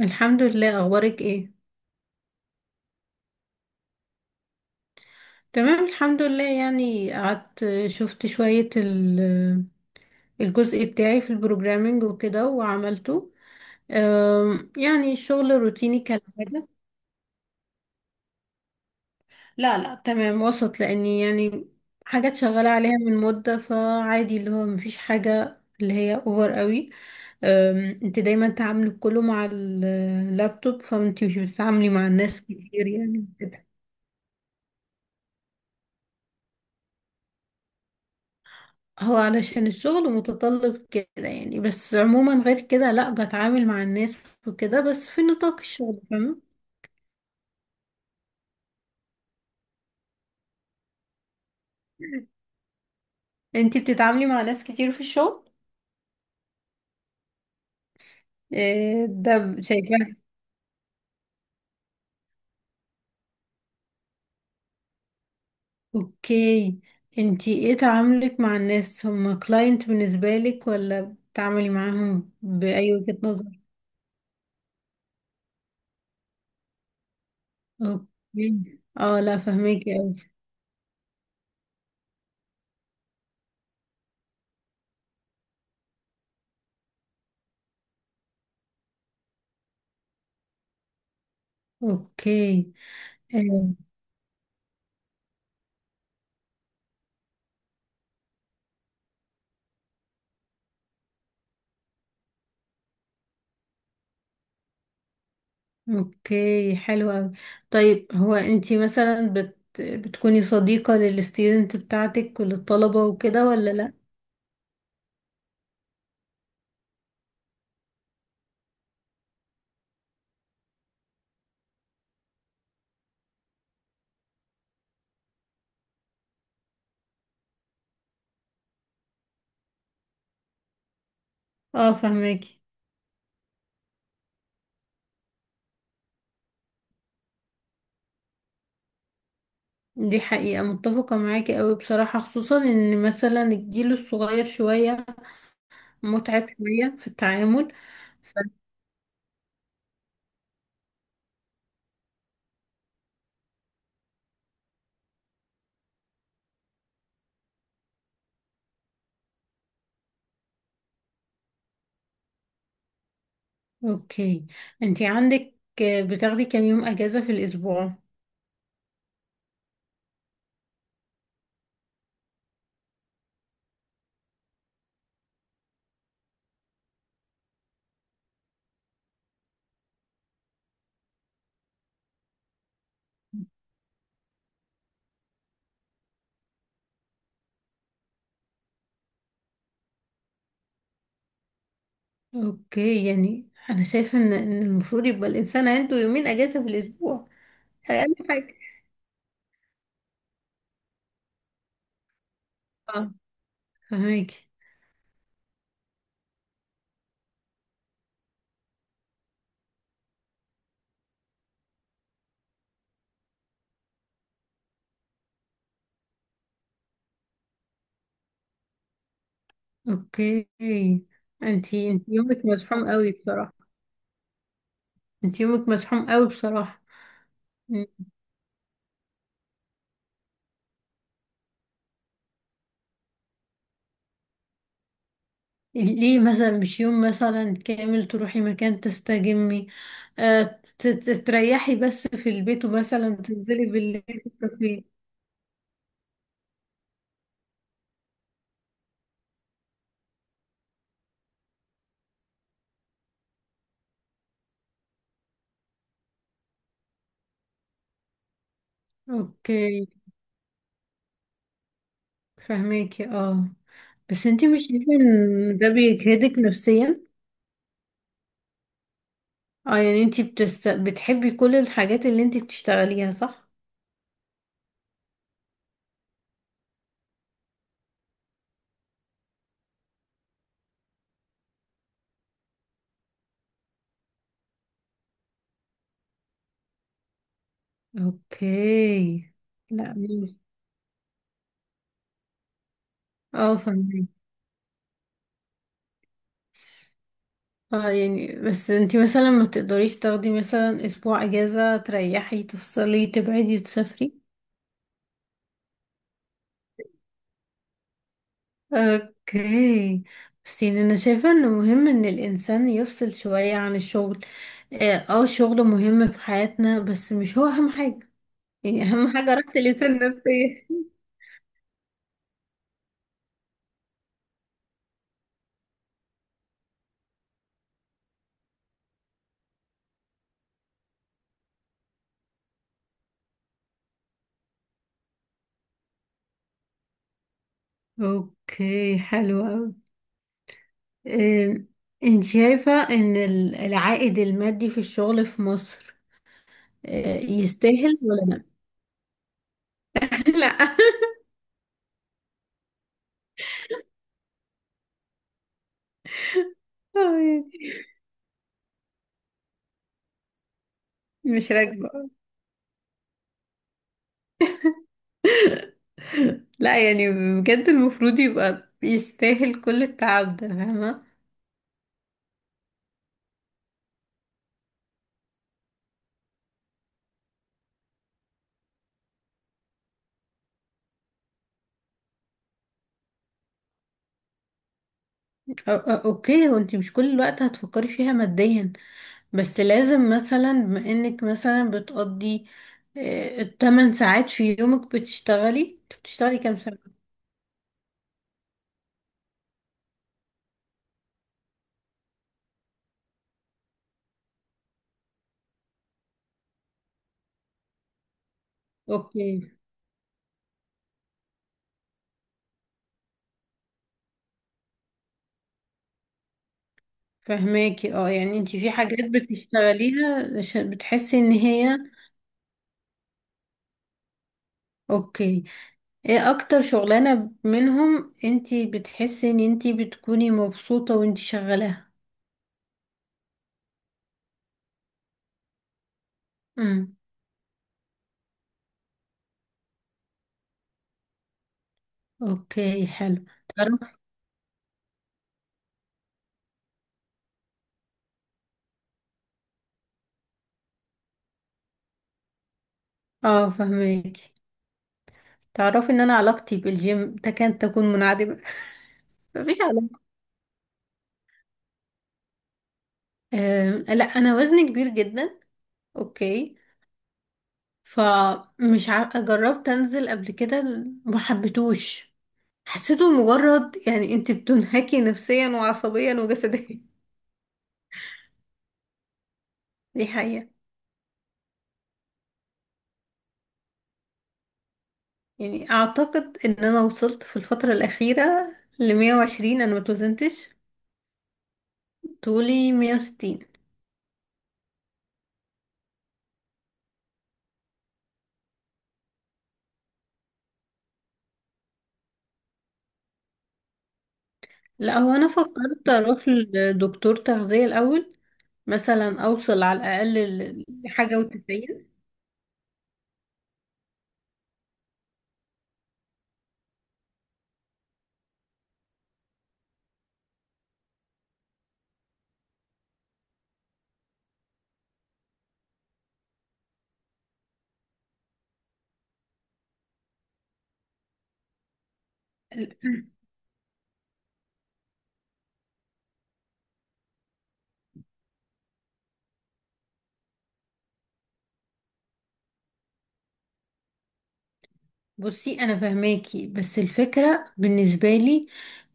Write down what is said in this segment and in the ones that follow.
الحمد لله، اخبارك ايه؟ تمام الحمد لله، يعني قعدت شفت شوية الجزء بتاعي في البروجرامينج وكده وعملته. يعني الشغل الروتيني كالعادة. لا لا، تمام وسط، لاني يعني حاجات شغالة عليها من مدة، فعادي اللي هو مفيش حاجة اللي هي اوفر قوي. انت دايما تعاملي كله مع اللابتوب، فانت مش بتتعاملي مع الناس كتير يعني. هو علشان الشغل متطلب كده يعني، بس عموما غير كده لا بتعامل مع الناس وكده، بس في نطاق الشغل، فاهمة؟ انتي بتتعاملي مع ناس كتير في الشغل؟ إيه ده شايفاه. اوكي، انتي ايه تعاملك مع الناس؟ هما كلاينت بالنسبة لك، ولا بتعاملي معاهم بأي وجهة نظر؟ اوكي، اه، لا فهميكي اوي. اوكي. آه. اوكي، حلو قوي. طيب، هو انتي مثلا بتكوني صديقة للستودنت بتاعتك وللطلبة وكده، ولا لا؟ اه، فهماكي. دي حقيقة، متفقة معاكي قوي بصراحة، خصوصا ان مثلا الجيل الصغير شوية متعب شوية في التعامل. ف... اوكي، انتي عندك بتاخدي كام يوم اجازة في الاسبوع؟ اوكي، يعني انا شايفة ان المفروض يبقى الانسان عنده يومين اجازة في الاسبوع، اقل حاجة. اه، فهماكي. اوكي، انتي يومك مزحوم قوي بصراحة. انتي يومك مزحوم قوي بصراحة. م- ليه مثلا مش يوم مثلا كامل تروحي مكان تستجمي؟ آه، تريحي بس في البيت، ومثلا تنزلي بالليل في الكافيه. اوكي، فهماكي، اه. بس انتي مش شايفة ان ده بيجهدك نفسيا؟ اه، يعني انتي بتحبي كل الحاجات اللي انتي بتشتغليها، صح؟ اوكي. لا، اه، فهماكي. اه، يعني بس انتي مثلا ما تقدريش تاخدي مثلا اسبوع اجازة، تريحي، تفصلي، تبعدي، تسافري؟ اوكي، بس يعني انا شايفة انه مهم ان الانسان يفصل شوية عن الشغل. اه، الشغل مهم في حياتنا، بس مش هو اهم حاجة. يعني اهم حاجة راحة الانسان النفسية. اوكي، حلو اوي. آم، انت شايفة ان العائد المادي في الشغل في مصر، يستاهل ولا لا؟ لا، مش راكبة. لا يعني، بجد المفروض يبقى يستاهل كل التعب ده، فاهمة؟ اوكي، وانتي مش كل الوقت هتفكري فيها ماديا. بس لازم مثلا، بما انك مثلا بتقضي التمن ساعات في يومك بتشتغلي، انت بتشتغلي كام ساعة؟ اوكي، فهماكي. اه، يعني انت في حاجات بتشتغليها عشان بتحسي ان هي اوكي. ايه اكتر شغلانة منهم انت بتحسي ان انت بتكوني مبسوطة وانت شغالاها؟ امم. اوكي، حلو. تعرف. اه، فهمك. تعرفي ان انا علاقتي بالجيم تكاد تكون منعدمه. مفيش علاقه. لا، انا وزني كبير جدا. اوكي. جربت انزل قبل كده. ما حبيتوش. حسيته مجرد يعني انت بتنهكي نفسيا وعصبيا وجسديا. دي حقيقه. يعني اعتقد ان انا وصلت في الفتره الاخيره ل 120، انا ما توزنتش. طولي 160. لا هو، انا فكرت اروح لدكتور تغذية الاول، مثلا اوصل على الاقل لحاجة وتسعين. بصي، انا فهماكي، بس الفكرة بالنسبة لي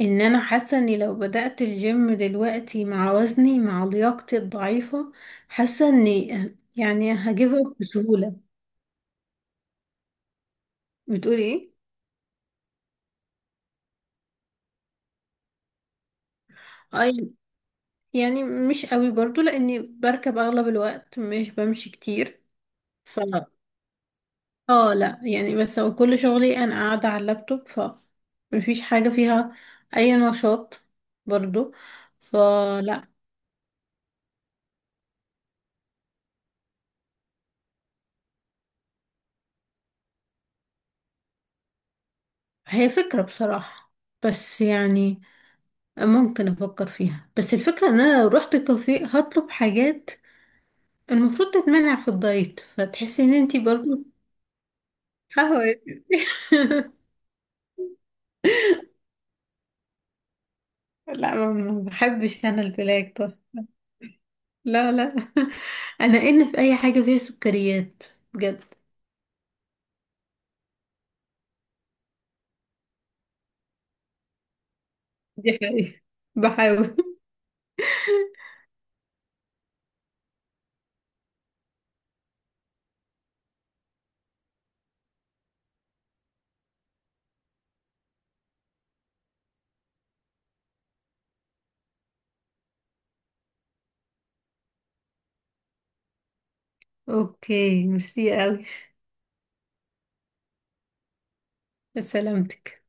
ان انا حاسة اني لو بدأت الجيم دلوقتي مع وزني مع لياقتي الضعيفة، حاسة اني يعني هجيب اب بسهولة. بتقولي ايه؟ أي. يعني مش قوي برضو، لاني بركب اغلب الوقت، مش بمشي كتير. اه لا يعني، بس هو كل شغلي انا قاعدة على اللابتوب، ف مفيش حاجة فيها اي نشاط برضو، فلا. هي فكرة بصراحة، بس يعني ممكن افكر فيها، بس الفكرة ان انا لو رحت كافيه هطلب حاجات المفروض تتمنع في الدايت، فتحسي ان انتي برضو قهوة يا ستي. لا، ما بحبش انا البلاك ده. لا، لا. انا في اي حاجة فيها سكريات، بجد، دي حقيقة. بحاول. اوكي، ميرسي قوي. سلامتك.